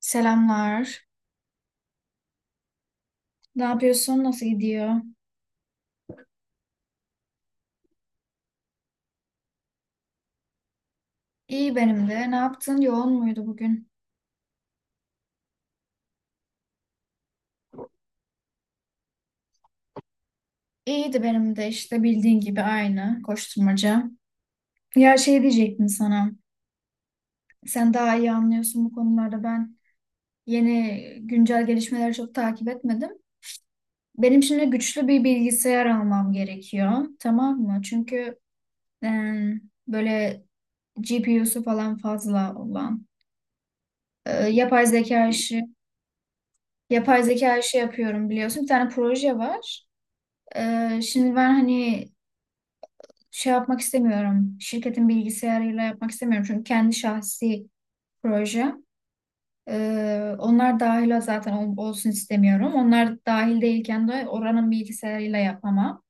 Selamlar. Ne yapıyorsun? Nasıl gidiyor? İyi benim de. Ne yaptın? Yoğun muydu bugün? İyiydi benim de işte bildiğin gibi aynı koşturmaca. Ya şey diyecektim sana. Sen daha iyi anlıyorsun bu konularda. Ben yeni güncel gelişmeleri çok takip etmedim. Benim şimdi güçlü bir bilgisayar almam gerekiyor. Tamam mı? Çünkü e, böyle GPU'su falan fazla olan yapay zeka işi, yapıyorum biliyorsun. Bir tane proje var. Şimdi ben hani şey yapmak istemiyorum. Şirketin bilgisayarıyla yapmak istemiyorum. Çünkü kendi şahsi proje. Onlar dahil zaten olsun istemiyorum. Onlar dahil değilken de oranın bilgisayarıyla yapamam.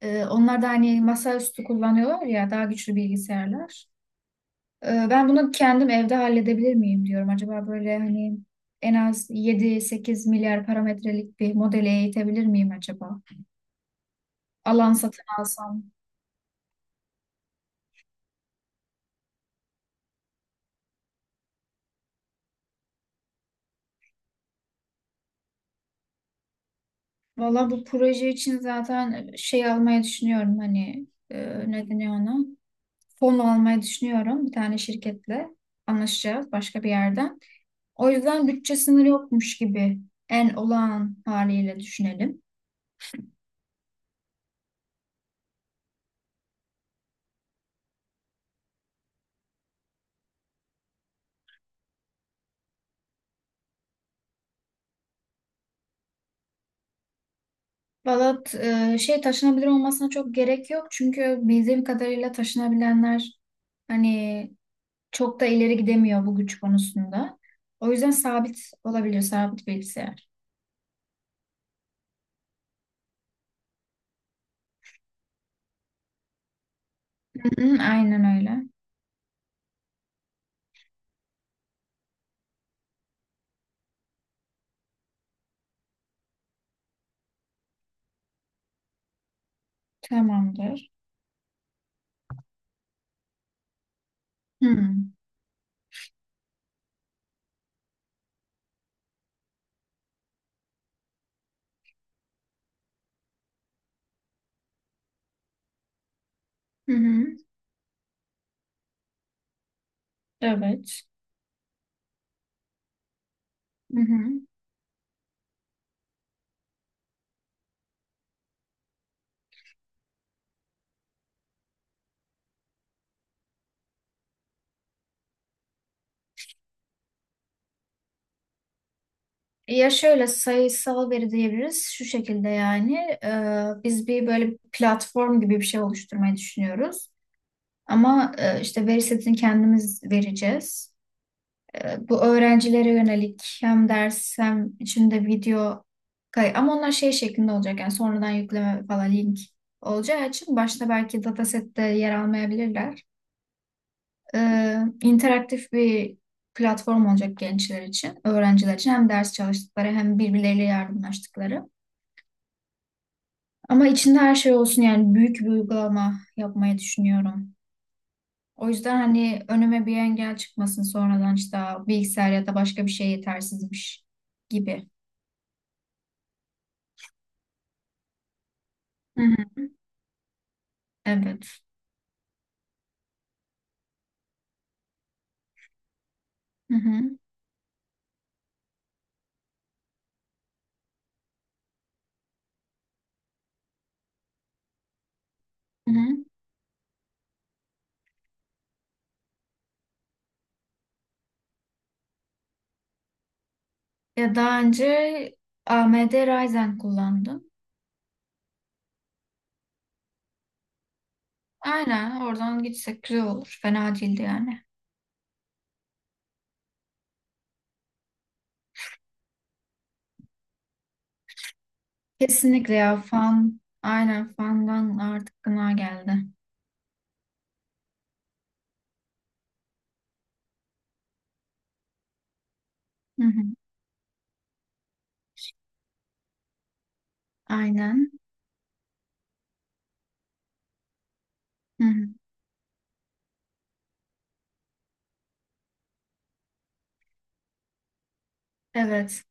Onlar da hani masaüstü kullanıyorlar ya, daha güçlü bilgisayarlar. Ben bunu kendim evde halledebilir miyim diyorum. Acaba böyle hani en az 7-8 milyar parametrelik bir modeli eğitebilir miyim acaba? Alan satın alsam. Valla bu proje için zaten şey almayı düşünüyorum, hani ne deniyor ona? Fon almayı düşünüyorum, bir tane şirketle anlaşacağız başka bir yerden. O yüzden bütçe sınırı yokmuş gibi en olağan haliyle düşünelim. Valla şey, taşınabilir olmasına çok gerek yok çünkü bildiğim kadarıyla taşınabilenler hani çok da ileri gidemiyor bu güç konusunda. O yüzden sabit olabilir, sabit bilgisayar. Hı hı, aynen öyle. Tamamdır. Hı. Hı hı. Evet. Hı hı. Ya şöyle, sayısal veri diyebiliriz şu şekilde. Yani biz bir böyle platform gibi bir şey oluşturmayı düşünüyoruz. Ama işte veri setini kendimiz vereceğiz. Bu öğrencilere yönelik hem ders hem içinde video kay, ama onlar şey şeklinde olacak, yani sonradan yükleme falan link olacağı için başta belki datasette yer almayabilirler. E, interaktif bir platform olacak gençler için, öğrenciler için, hem ders çalıştıkları hem birbirleriyle yardımlaştıkları. Ama içinde her şey olsun, yani büyük bir uygulama yapmayı düşünüyorum. O yüzden hani önüme bir engel çıkmasın sonradan, işte "Aa, bilgisayar ya da başka bir şey yetersizmiş" gibi. Hı hı. Evet. Hı hı. Hı hı. Ya daha önce AMD Ryzen kullandım. Aynen, oradan gitsek güzel olur. Fena değildi yani. Kesinlikle ya, fan. Aynen, fandan artık gına geldi. Hı hı. Aynen. Hı hı. Evet.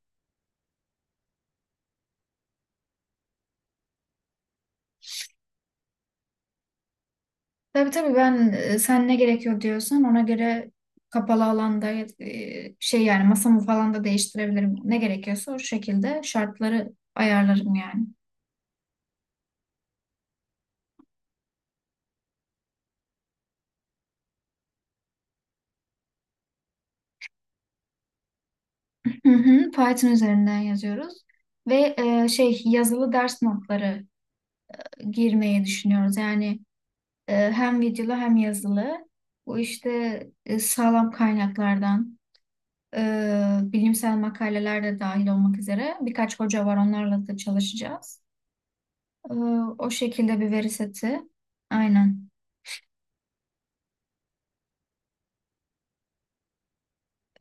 Tabii tabii, ben sen ne gerekiyor diyorsan ona göre, kapalı alanda şey, yani masamı falan da değiştirebilirim. Ne gerekiyorsa o şekilde şartları ayarlarım yani. Hı hı, Python üzerinden yazıyoruz ve şey, yazılı ders notları girmeyi düşünüyoruz. Yani hem videolu hem yazılı. Bu işte sağlam kaynaklardan. Bilimsel makaleler de dahil olmak üzere birkaç hoca var, onlarla da çalışacağız. Ee, o şekilde bir veri seti. Aynen.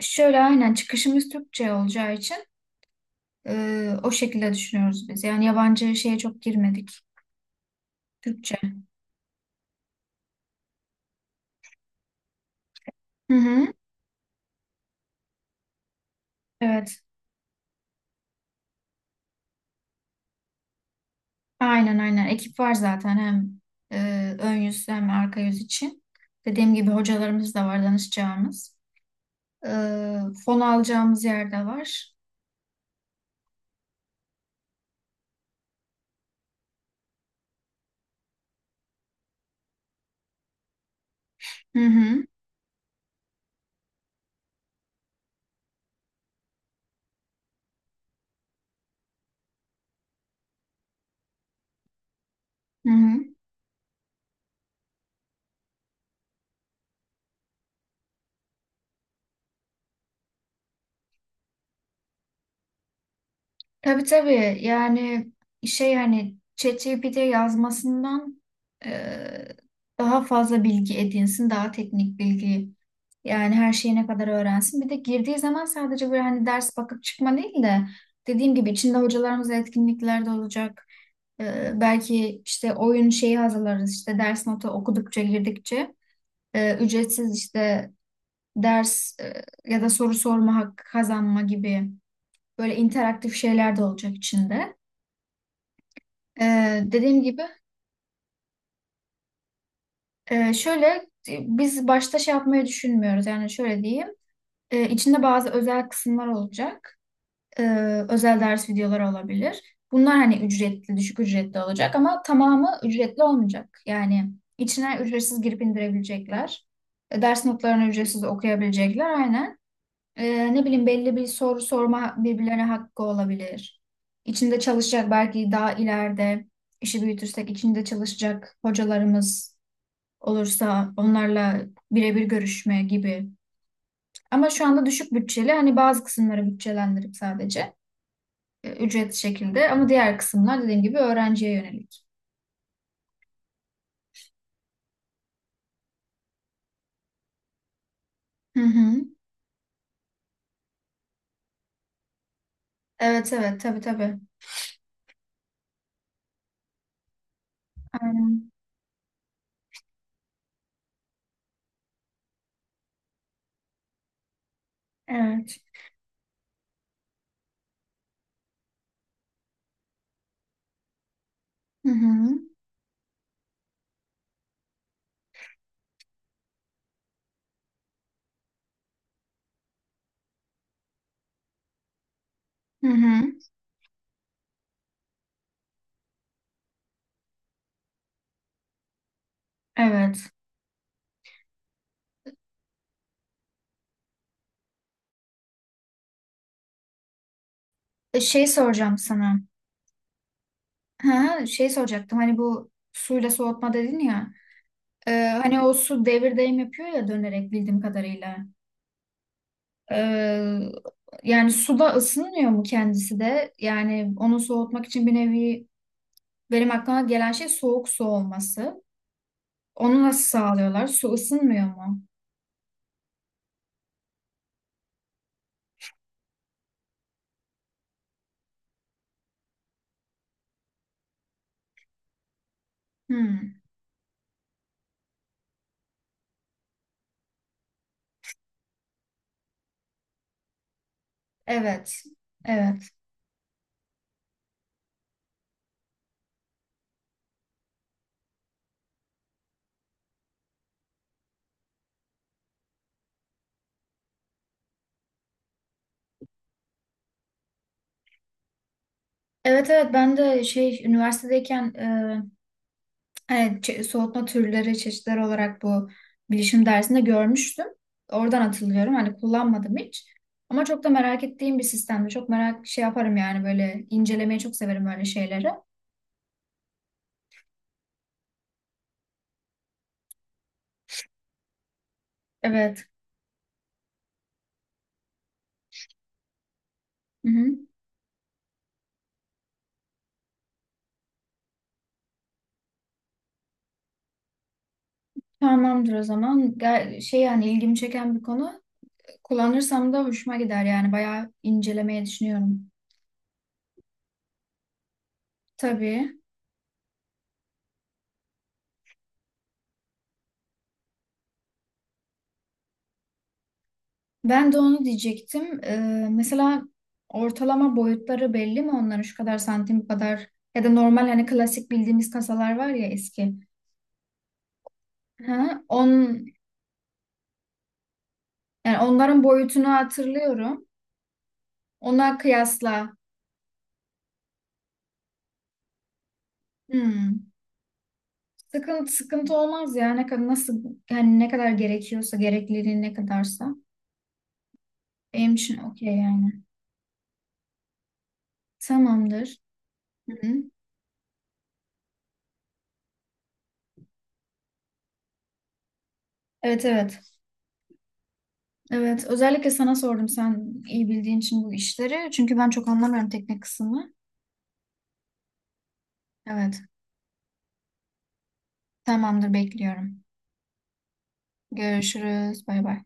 Şöyle, aynen çıkışımız Türkçe olacağı için o şekilde düşünüyoruz biz. Yani yabancı şeye çok girmedik. Türkçe. Hı hı. Evet. Aynen aynen. Ekip var zaten hem ön yüz hem arka yüz için. Dediğim gibi hocalarımız da var, danışacağımız. Ee, fon alacağımız yer de var. Hı hı. Hı hı. Tabii tabii. Yani şey, hani ChatGPT yazmasından e, daha fazla bilgi edinsin, daha teknik bilgi, yani her şeyi ne kadar öğrensin. Bir de girdiği zaman sadece böyle hani ders bakıp çıkma değil de, dediğim gibi içinde hocalarımız etkinliklerde olacak. Belki işte oyun şeyi hazırlarız, işte ders notu okudukça girdikçe ücretsiz işte ders ya da soru sorma hakkı kazanma gibi, böyle interaktif şeyler de olacak içinde. Dediğim gibi şöyle, biz başta şey yapmayı düşünmüyoruz, yani şöyle diyeyim. İçinde bazı özel kısımlar olacak. Özel ders videoları olabilir bunlar, hani ücretli, düşük ücretli olacak, ama tamamı ücretli olmayacak. Yani içine ücretsiz girip indirebilecekler. Ders notlarını ücretsiz okuyabilecekler, aynen. Ne bileyim, belli bir soru sorma birbirlerine hakkı olabilir. İçinde çalışacak belki, daha ileride işi büyütürsek içinde çalışacak hocalarımız olursa onlarla birebir görüşme gibi. Ama şu anda düşük bütçeli, hani bazı kısımları bütçelendirip sadece ücret şekilde, ama diğer kısımlar dediğim gibi öğrenciye yönelik. Hı hı. Evet evet, tabii tabii. Aynen. Evet. Hı hı. Hı hı. Evet. Şey soracağım sana. Ha, şey soracaktım, hani bu suyla soğutma dedin ya. E, hani o su devir daim yapıyor ya, dönerek bildiğim kadarıyla. Ee, yani suda ısınmıyor mu kendisi de? Yani onu soğutmak için bir nevi, benim aklıma gelen şey soğuk su olması. Onu nasıl sağlıyorlar? Su ısınmıyor mu? Hmm, evet. Evet. Evet evet, ben de şey, üniversitedeyken hani soğutma türleri, çeşitler olarak bu bilişim dersinde görmüştüm. Oradan hatırlıyorum. Hani kullanmadım hiç. Ama çok da merak ettiğim bir sistemdi. Çok merak şey yaparım yani, böyle incelemeyi çok severim böyle şeyleri. Evet. Hı hı. Tamamdır o zaman. Şey, yani ilgimi çeken bir konu. Kullanırsam da hoşuma gider yani, bayağı incelemeye düşünüyorum. Tabii. Ben de onu diyecektim. Mesela ortalama boyutları belli mi onların, şu kadar santim bu kadar, ya da normal hani klasik bildiğimiz kasalar var ya, eski. Ha, yani onların boyutunu hatırlıyorum. Ona kıyasla, hmm, sıkıntı olmaz ya, ne kadar nasıl, yani ne kadar gerekiyorsa, gerekliliği ne kadarsa benim için okey yani. Tamamdır. Hı hı. Evet evet. Evet. Özellikle sana sordum, sen iyi bildiğin için bu işleri. Çünkü ben çok anlamıyorum teknik kısmını. Evet. Tamamdır, bekliyorum. Görüşürüz. Bay bay.